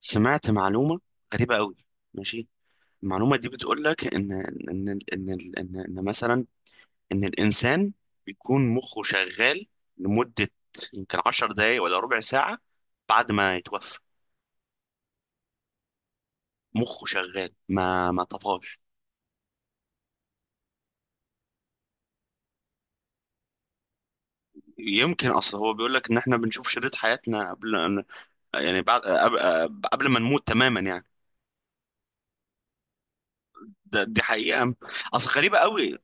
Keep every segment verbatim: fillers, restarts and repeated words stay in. سمعت معلومة غريبة قوي. ماشي. المعلومة دي بتقول لك إن إن إن إن إن, إن مثلا إن الإنسان بيكون مخه شغال لمدة يمكن عشر دقايق ولا ربع ساعة بعد ما يتوفى. مخه شغال ما ما طفاش. يمكن أصل هو بيقول لك إن إحنا بنشوف شريط حياتنا قبل أن- يعني بعد قبل قبل ما نموت تماما يعني. ده دي حقيقة. أصل غريبة قوي.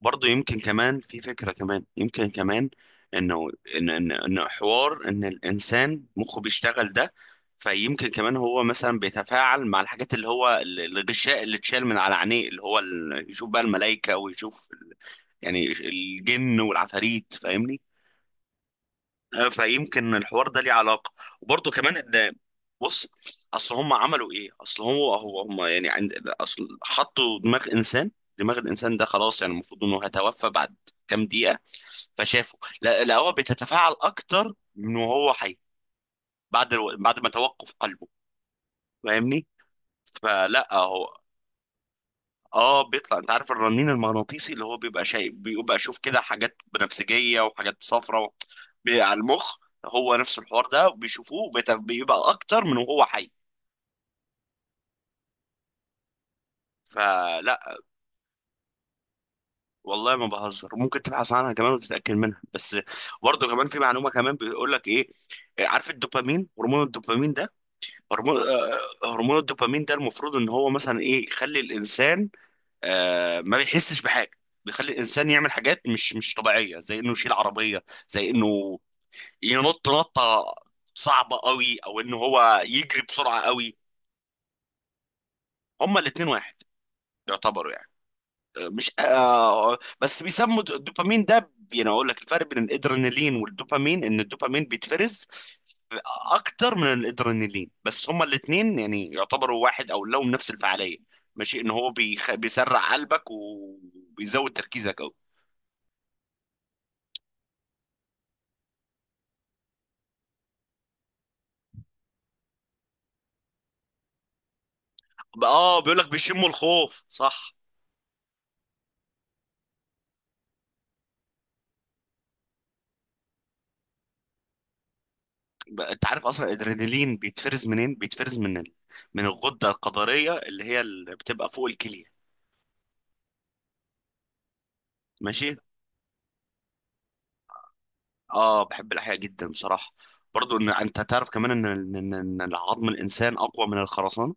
برضه يمكن كمان في فكرة كمان يمكن كمان انه ان ان إن حوار ان الانسان مخه بيشتغل ده. فيمكن كمان هو مثلا بيتفاعل مع الحاجات، اللي هو ال- الغشاء اللي اتشال من على عينيه، اللي هو ال- يشوف بقى الملائكة ويشوف ال- يعني الجن والعفاريت، فاهمني. فيمكن الحوار ده ليه علاقه. وبرضه كمان ان، بص، اصل هم عملوا ايه، اصل هو هو هم يعني عند اصل حطوا دماغ انسان. دماغ الانسان ده خلاص يعني المفروض انه هيتوفى بعد كام دقيقه. فشافه لا لا، هو بتتفاعل اكتر من وهو حي. بعد الو... بعد ما توقف قلبه، فاهمني؟ فلا هو. اه بيطلع، انت عارف الرنين المغناطيسي اللي هو بيبقى شايف، بيبقى اشوف كده حاجات بنفسجيه وحاجات صفراء و... بي- على المخ. هو نفس الحوار ده بيشوفوه وبيت- بيبقى اكتر من وهو حي. فلا. والله ما بهزر، ممكن تبحث عنها كمان وتتاكد منها. بس برضه كمان في معلومه كمان، بيقول لك ايه، عارف الدوبامين، هرمون الدوبامين ده، هرمون آه، آه، هرمون الدوبامين ده المفروض ان هو مثلا ايه، يخلي الانسان آه، ما بيحسش بحاجه. بيخلي الانسان يعمل حاجات مش مش طبيعيه، زي انه يشيل عربيه، زي انه ينط نطه صعبه قوي، او انه هو يجري بسرعه قوي. هما الاثنين واحد يعتبروا يعني. آه، مش آه بس بيسموا د- الدوبامين ده، يعني اقول لك الفرق بين الادرينالين والدوبامين ان الدوبامين بيتفرز اكتر من الادرينالين، بس هما الاثنين يعني يعتبروا واحد او لهم نفس الفعاليه. ماشي. ان هو بيخ... بيسرع قلبك وبيزود تركيزك قوي. اه بيقول لك بيشموا الخوف، صح. بقى انت عارف اصلا الادرينالين بيتفرز منين؟ بيتفرز من ال... من الغده الكظريه، اللي هي اللي بتبقى فوق الكليه. ماشي. اه بحب الاحياء جدا بصراحه. برضو ان انت تعرف كمان ان ان ان إن العظم الانسان اقوى من الخرسانه.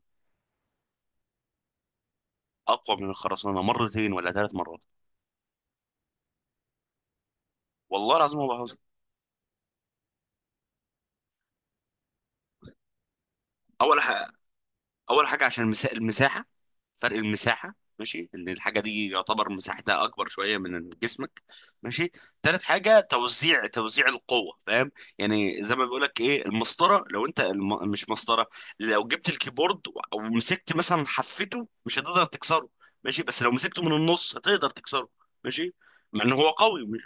اقوى من الخرسانه مرتين ولا ثلاث مرات. والله العظيم ما بهزر. اول ح... اول حاجه عشان المسا- المساحه، فرق المساحه. ماشي، ان الحاجه دي يعتبر مساحتها اكبر شويه من جسمك. ماشي. تالت حاجه توزيع توزيع القوه، فاهم؟ يعني زي ما بيقول لك ايه، المسطره، لو انت الم... مش مسطره، لو جبت الكيبورد و- ومسكت مثلا حفته مش هتقدر تكسره، ماشي، بس لو مسكته من النص هتقدر تكسره. ماشي. مع ان هو قوي، مش...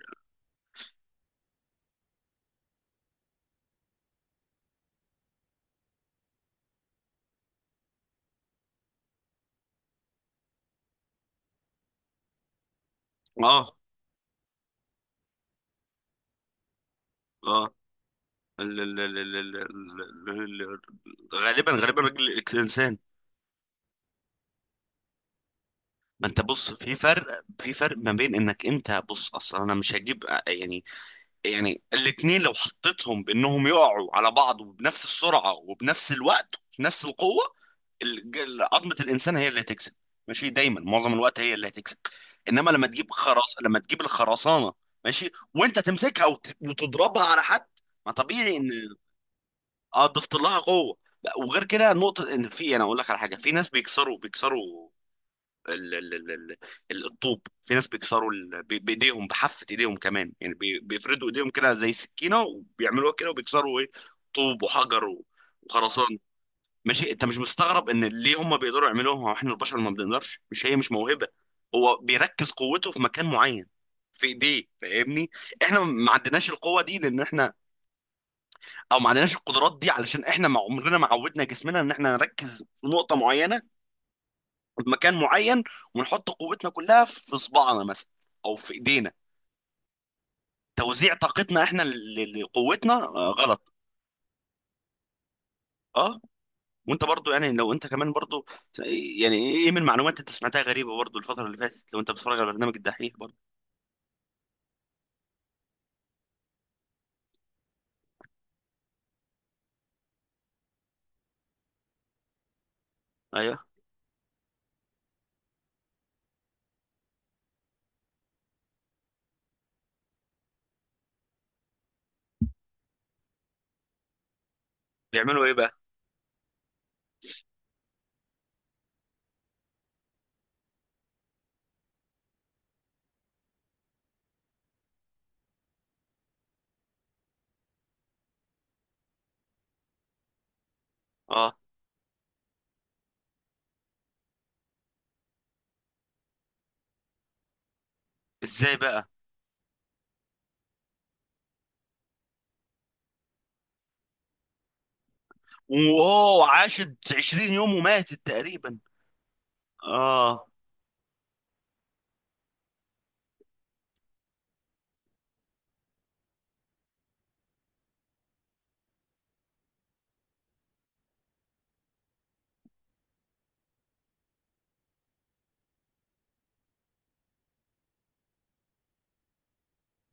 اه اه ال- ال- ال- ال- ال- ال- ال- غالبا غالبا رجل الانسان. ما انت بص، في فرق، في فرق ما بين، انك انت بص اصلا انا مش هجيب يعني، يعني الاتنين لو حطيتهم بانهم يقعوا على بعض وبنفس السرعة وبنفس الوقت وفي نفس القوة، الج- عظمة الانسان هي اللي هتكسب. ماشي، دايما معظم الوقت هي اللي هتكسب. انما لما تجيب خرص، لما تجيب الخرسانة، ماشي، وانت تمسكها وت- وتضربها على حد، ما طبيعي ان... اه ضفت لها قوة. لا، وغير كده نقطة، ان في، انا اقول لك على حاجة، في ناس بيكسروا بيكسروا ال- ال- ال- ال- ال- الطوب، في ناس بيكسروا ال- ب- بايديهم، بحافة ايديهم كمان، يعني بي- بيفردوا ايديهم كده زي سكينة وبيعملوها كده، وبيكسروا ايه، طوب وحجر و- وخرسان. ماشي. انت مش مستغرب ان ليه هم بيقدروا يعملوها واحنا البشر ما بنقدرش؟ مش هي مش موهبة، هو بيركز قوته في مكان معين، في ايديه، فاهمني؟ احنا ما عندناش القوة دي لان احنا، او ما عندناش القدرات دي علشان احنا ما عمرنا ما عودنا جسمنا ان احنا نركز في نقطة معينة بمكان معين، ونحط قوتنا كلها في صباعنا مثلا او في ايدينا. توزيع طاقتنا احنا ل- لقوتنا آه، غلط. اه. وانت برضو يعني لو انت كمان برضو، يعني ايه من معلومات انت سمعتها غريبه برضو الفتره اللي فاتت؟ لو انت بتتفرج على برنامج الدحيح برضو. ايوه. بيعملوا ايه بقى؟ اه. ازاي بقى؟ واوه، عاشت عشرين يوم وماتت تقريبا. اه.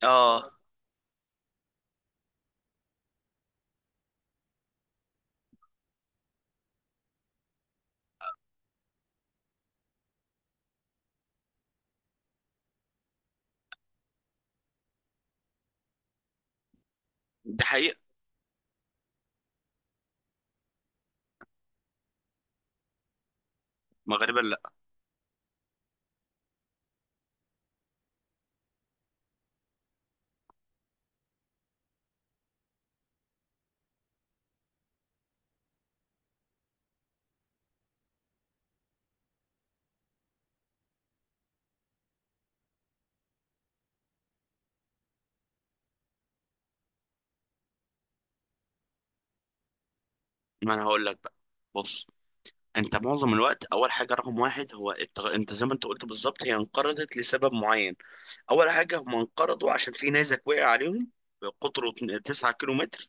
اه. ده حقيقه. ما غالبا لا. ما انا هقول لك بقى، بص. انت معظم الوقت، اول حاجه رقم واحد، هو التغ... انت زي ما انت قلت بالظبط، هي انقرضت لسبب معين. اول حاجه هم انقرضوا عشان في نيزك وقع عليهم، قطره تسعة كيلو متر.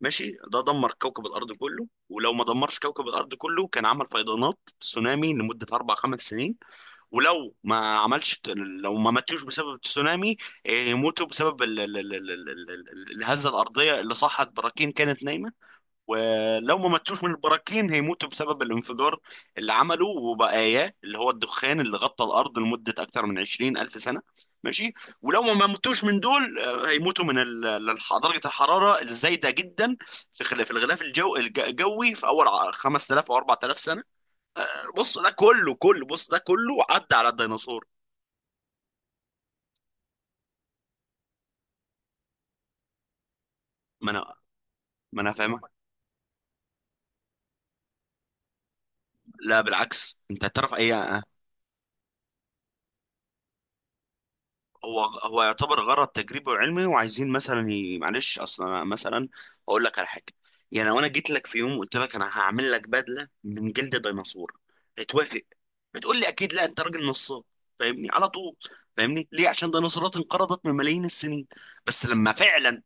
ماشي. ده دمر كوكب الارض كله، ولو ما دمرش كوكب الارض كله كان عمل فيضانات تسونامي لمده اربع خمس سنين. ولو ما عملش، لو ما ماتوش بسبب التسونامي اه، يموتوا بسبب ال... ال... ال... ال... ال... ال- الهزه الارضيه اللي صحت براكين كانت نايمه. ولو ما ماتوش من البراكين هيموتوا بسبب الانفجار اللي عمله وبقاياه، اللي هو الدخان اللي غطى الأرض لمدة أكثر من عشرين ألف سنة. ماشي. ولو ما ماتوش من دول آه، هيموتوا من ال- ال- درجة الحرارة الزايدة جدا في خل- في الغلاف الجو الج- الجوي في أول ع- خمس آلاف أو اربعة آلاف سنة. آه، بص ده كله، كله بص ده كله عدى على الديناصور. ما أنا ما أنا فاهمك. لا بالعكس، أنت تعرف أي. هو هو يعتبر غرض تجريبي وعلمي، وعايزين مثلا ي... معلش، اصلا أنا مثلا اقول لك على حاجه. يعني لو انا جيت لك في يوم قلت لك انا هعمل لك بدله من جلد ديناصور، هتوافق؟ بتقول لي اكيد لا، انت راجل نصاب. فاهمني على طول؟ فاهمني ليه؟ عشان ديناصورات انقرضت من ملايين السنين. بس لما فعلا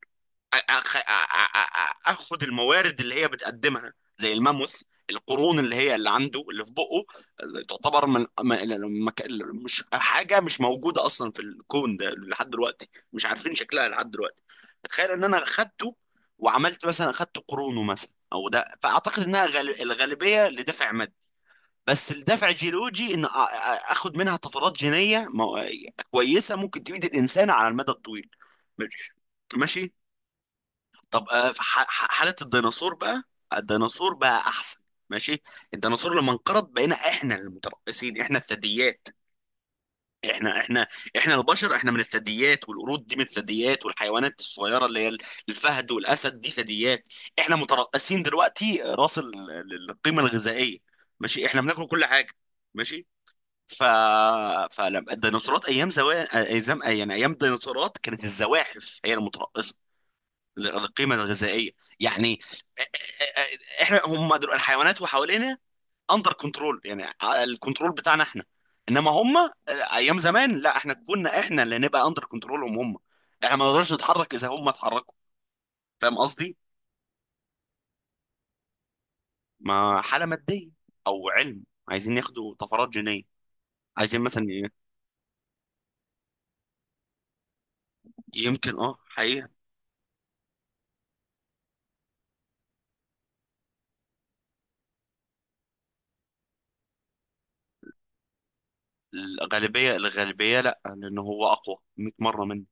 أخ... أ- أ- أ- اخد الموارد اللي هي بتقدمها، زي الماموث، القرون اللي هي اللي عنده اللي في بقه، اللي تعتبر من م- المك... مش حاجه، مش موجوده اصلا في الكون ده لحد دلوقتي، مش عارفين شكلها لحد دلوقتي. تخيل ان انا اخدته وعملت مثلا اخدت قرونه مثلا، او ده فاعتقد انها غال... الغالبيه لدفع مادي. بس الدفع جيولوجي، ان أ- أ- اخد منها طفرات جينيه مو- كويسه ممكن تفيد الانسان على المدى الطويل. ماشي. ماشي. طب آه، في ح- ح- حالة الديناصور بقى، الديناصور بقى أحسن. ماشي. الديناصور لما انقرض بقينا احنا المتربصين، احنا الثدييات، احنا احنا احنا البشر، احنا من الثدييات، والقرود دي من الثدييات، والحيوانات الصغيره اللي هي الفهد والاسد دي ثدييات. احنا مترقصين دلوقتي راس ال- ال- القيمه الغذائيه. ماشي، احنا بناكل كل حاجه. ماشي. ف فلما الديناصورات ايام زمان، ايام يعني ايام الديناصورات كانت الزواحف هي المترقصه القيمة الغذائية يعني. احنا هم دول الحيوانات وحوالينا، اندر كنترول يعني، الكنترول بتاعنا احنا. انما هم ايام زمان لا، احنا كنا احنا اللي نبقى اندر كنترولهم هم، احنا ما نقدرش نتحرك اذا هم اتحركوا. فاهم قصدي؟ ما حالة مادية او علم، عايزين ياخدوا طفرات جينية، عايزين مثلا ي- يمكن اه حقيقة. الغالبية الغالبية لا، لان هو اقوى مئة مرة.